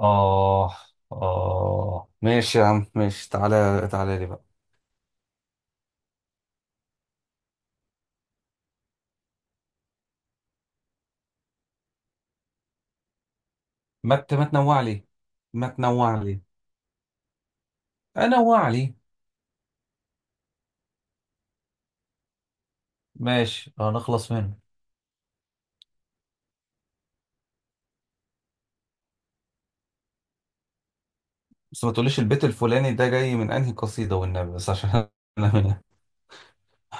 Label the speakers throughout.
Speaker 1: آه آه ماشي يا عم، ماشي. تعالى تعالى لي بقى. ما تنوع لي، ما تنوع لي، أنوع لي. ماشي، هنخلص منه. بس ما تقوليش البيت الفلاني ده جاي من أنهي قصيدة والنبي، بس عشان أنا من-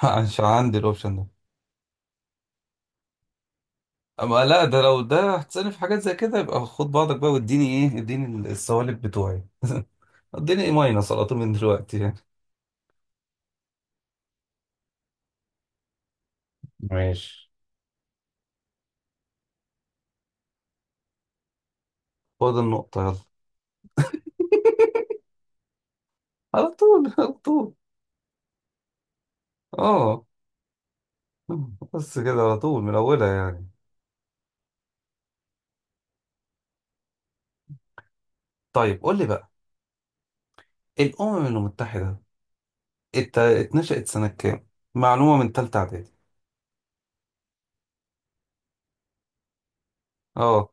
Speaker 1: عشان عندي الأوبشن ده. أما لا، ده لو ده هتسألني في حاجات زي كده يبقى خد بعضك بقى، واديني إيه، اديني السوالف بتوعي اديني إيه ماينس على طول من دلوقتي يعني. ماشي، خد النقطة يلا. على طول على طول. آه بس كده على طول من أولها يعني. طيب قول لي بقى، الأمم المتحدة اتنشأت سنة كام؟ معلومة من تالتة إعدادي. اه،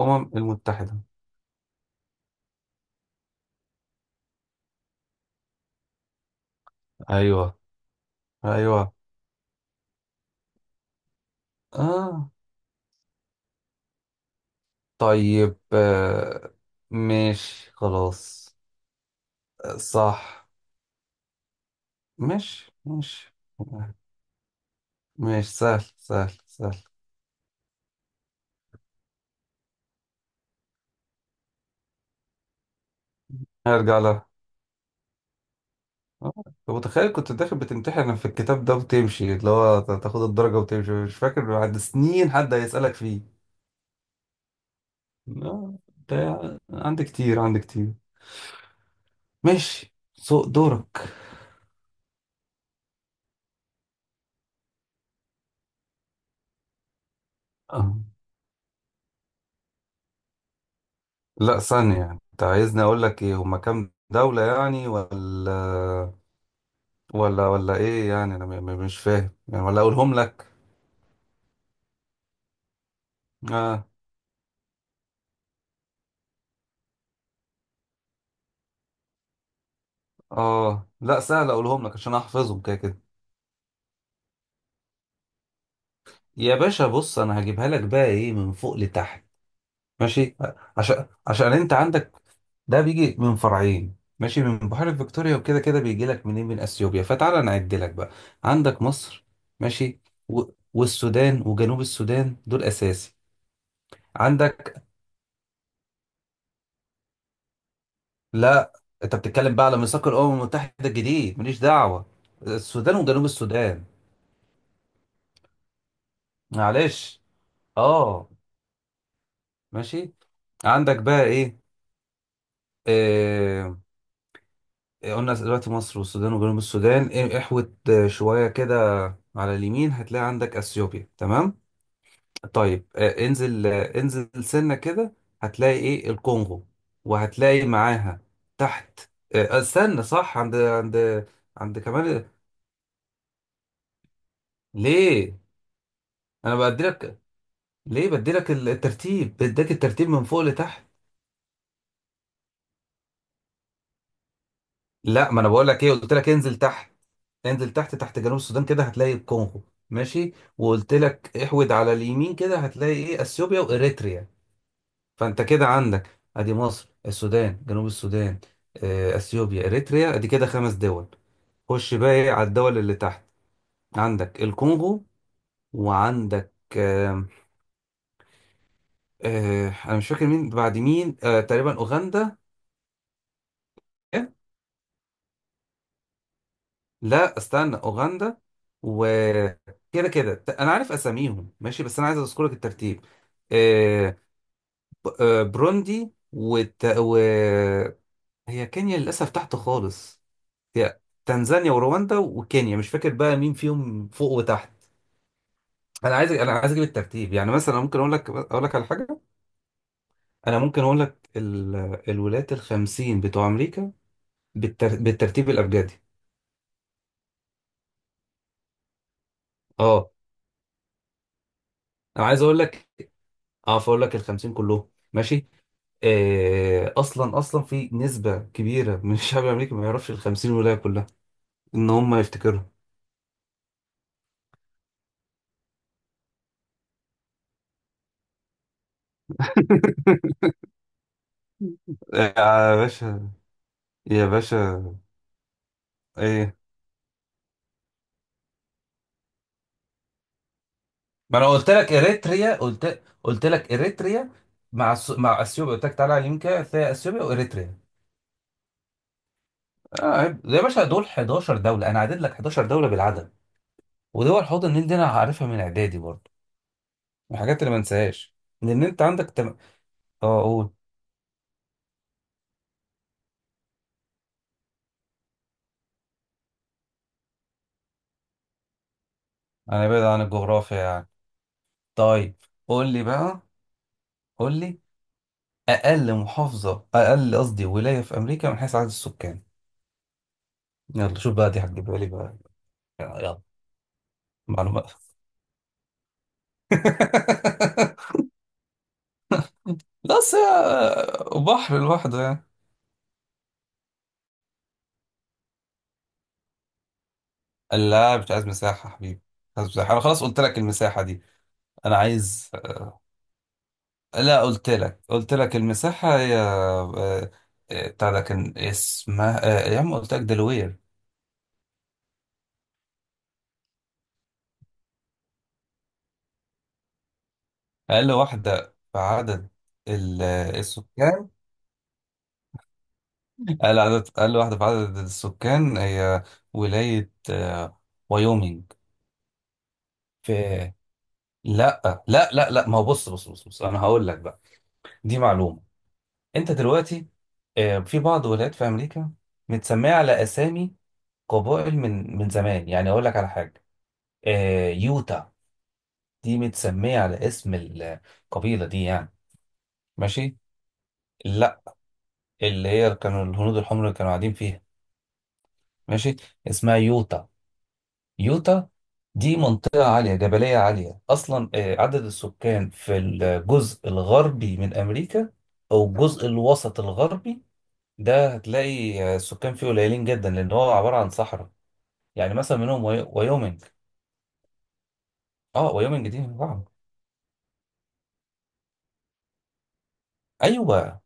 Speaker 1: أمم المتحدة. أيوه، أيوه. آه طيب، ماشي خلاص. آه، صح. ماشي ماشي ماشي، سهل سهل سهل. هرجع لها. آه، طب متخيل كنت داخل بتمتحن في الكتاب ده وتمشي، اللي هو تاخد الدرجة وتمشي مش فاكر بعد سنين حد هيسألك فيه. لا انت، عندك كتير، عندك كتير. ماشي، سوق دورك. آه. لا ثانية يعني. انت عايزني اقول لك ايه، هما كام دولة يعني، ولا ولا ايه يعني، انا مش فاهم يعني، ولا اقولهم لك؟ اه، اه، لا سهل اقولهم لك عشان احفظهم كده كده. يا باشا بص، انا هجيبها لك بقى ايه من فوق لتحت. ماشي، عشان انت عندك، ده بيجي من فرعين، ماشي، من بحيرة فيكتوريا، وكده كده بيجي لك منين من اثيوبيا. فتعالى نعد لك بقى. عندك مصر، ماشي، و... والسودان وجنوب السودان، دول اساسي. عندك، لا انت بتتكلم بقى على ميثاق الامم المتحدة الجديد، ماليش دعوة، السودان وجنوب السودان. معلش. اه، ماشي. عندك بقى ايه، آه... قلنا دلوقتي مصر والسودان وجنوب السودان احوت، شوية كده. على اليمين هتلاقي عندك اثيوبيا، تمام؟ طيب انزل سنة كده، هتلاقي ايه، الكونغو، وهتلاقي معاها تحت. استنى صح، عند عند كمان. ليه؟ انا بديلك، ليه بديلك الترتيب، بديك الترتيب من فوق لتحت. لا ما انا بقول لك ايه، قلت لك انزل تحت، انزل تحت، تحت جنوب السودان كده هتلاقي الكونغو، ماشي، وقلت لك احود على اليمين كده هتلاقي ايه، اثيوبيا واريتريا. فانت كده عندك، ادي مصر، السودان، جنوب السودان، اثيوبيا، اريتريا، ادي كده خمس دول. خش بقى إيه على الدول اللي تحت، عندك الكونغو، وعندك، انا مش فاكر مين بعد مين. تقريبا اوغندا. إيه؟ لا استنى، اوغندا، وكده كده انا عارف اساميهم ماشي، بس انا عايز اذكر لك الترتيب. آه بروندي هي كينيا للاسف تحت خالص، هي تنزانيا ورواندا وكينيا، مش فاكر بقى مين فيهم فوق وتحت. انا عايز اجيب الترتيب، يعني مثلا ممكن اقول لك على حاجه. انا ممكن اقول لك الولايات الخمسين بتوع امريكا بالترتيب الابجدي. اه انا عايز اقول لك، اه فاقول لك الخمسين كلهم ماشي. آه اصلا اصلا في نسبه كبيره من الشعب الامريكي ما يعرفش الخمسين ولايه كلها ان هم يفتكروا. آه، يا باشا، يا باشا، ايه؟ ما انا قلت لك اريتريا، قلت لك اريتريا، مع اثيوبيا. قلت لك تعالى على اليمين كده هتلاقي اثيوبيا واريتريا. اه عيب. يا باشا دول 11 دوله، انا عدد لك 11 دوله بالعدد، ودول حوض النيل دي انا عارفها من اعدادي برضه، من الحاجات اللي ما انساهاش. لان انت عندك اه قول. انا بعيد عن الجغرافيا يعني. طيب قول لي بقى قول لي، اقل، قصدي، ولايه في امريكا من حيث عدد السكان. يلا شوف بقى، دي هتجيبها لي بقى. يلا. معلومات لا بس هي بحر لوحده يعني. قال لا، مش عايز مساحة حبيبي، مش عايز مساحة، أنا خلاص قلت لك المساحة دي. أنا عايز، لا قلت لك، المساحة هي، بتاع ده كان اسمها، يا عم قلت لك دلوير. أقل واحدة في عدد السكان. أقل واحدة في عدد السكان هي ولاية وايومينج. في، لا لا لا لا، ما هو بص بص بص بص، أنا هقول لك بقى، دي معلومة. انت دلوقتي، في بعض ولايات في امريكا متسميه على اسامي قبائل من زمان. يعني اقول لك على حاجه، يوتا، دي متسميه على اسم القبيله دي يعني. ماشي. لا اللي هي كانوا الهنود الحمر اللي كانوا قاعدين فيها. ماشي، اسمها يوتا. يوتا دي منطقه عاليه، جبليه عاليه اصلا. عدد السكان في الجزء الغربي من امريكا او الجزء الوسط الغربي ده، هتلاقي السكان فيه قليلين جدا لان هو عباره عن صحراء. يعني مثلا منهم وايومنج. اه وايومنج دي وهم. ايوه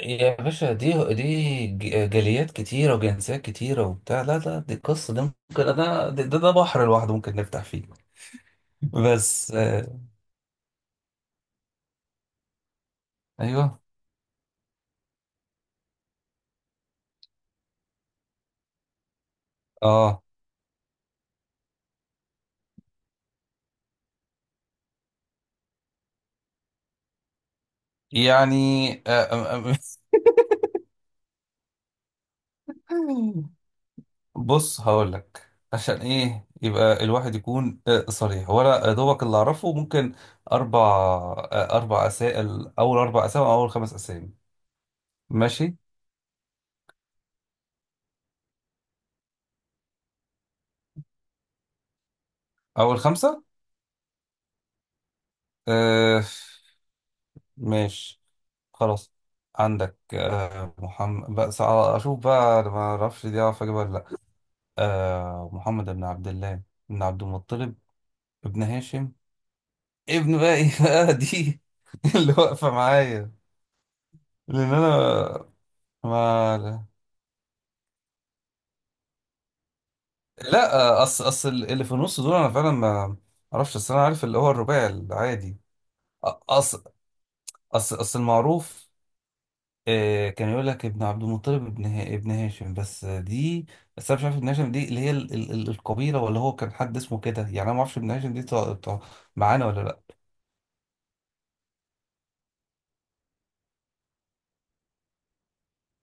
Speaker 1: يا باشا، دي جاليات كتيره وجنسيات كتيره وبتاع. لا لا، دي القصه دي ممكن، ده ده بحر لوحده، ممكن نفتح فيه. بس ايوه. اه يعني آم- آم- بص هقول لك عشان ايه يبقى الواحد يكون صريح، ولا دوبك اللي اعرفه ممكن اربع، اسئله، اول اربع اسامي او اول خمس اسامي. ماشي، اول خمسه. آه ماشي خلاص. عندك محمد. بس اشوف بقى أنا ما اعرفش دي اعرف اجيبها ولا لا. محمد بن عبد الله بن عبد المطلب ابن هاشم، ابن بقى ايه بقى دي اللي واقفه معايا. لان انا، ما، لا، اصل اللي في النص دول انا فعلا ما اعرفش، اصل انا عارف اللي هو الرباعي العادي. اصل اصل المعروف. كان يقول لك ابن عبد المطلب ابن هاشم بس. دي، بس انا مش عارف ابن هاشم دي اللي هي ال القبيله، ولا هو كان حد اسمه كده يعني. انا ما اعرفش ابن هاشم دي معانا ولا لا.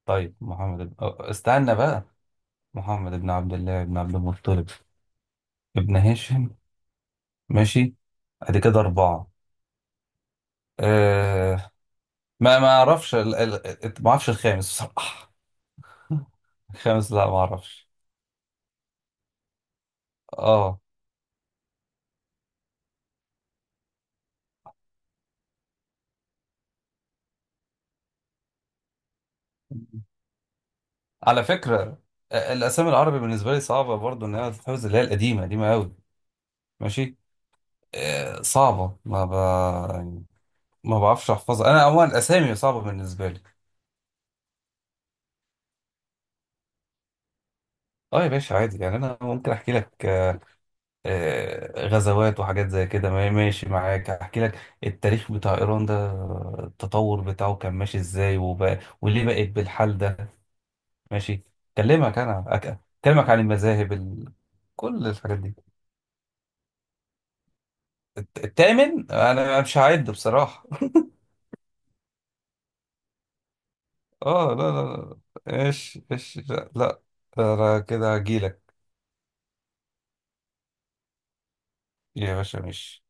Speaker 1: طيب محمد ابن استنى بقى. محمد ابن عبد الله ابن عبد المطلب ابن هاشم، ماشي، ادي كده اربعه. أه، ما اعرفش ما اعرفش الخامس بصراحه الخامس، لا ما اعرفش. اه، على فكره، الاسامي العربي بالنسبه لي صعبه برضو ان هي تتحفظ، اللي هي القديمه قديمه قوي. ماشي، صعبة، ما ب... يعني ما بعرفش احفظها. انا عموما الاسامي صعبة بالنسبة لي. اه يا باشا، عادي يعني. انا ممكن احكي لك غزوات وحاجات زي كده، ماشي معاك، احكي لك التاريخ بتاع ايران ده، التطور بتاعه كان ماشي ازاي وبقى وليه بقت بالحال ده. ماشي، اكلمك، انا اكلمك عن المذاهب كل الحاجات دي. التامن انا مش هعد بصراحة اه لا لا، لا ايش ايش لا لا، انا كده هجيلك. يا باشا ماشي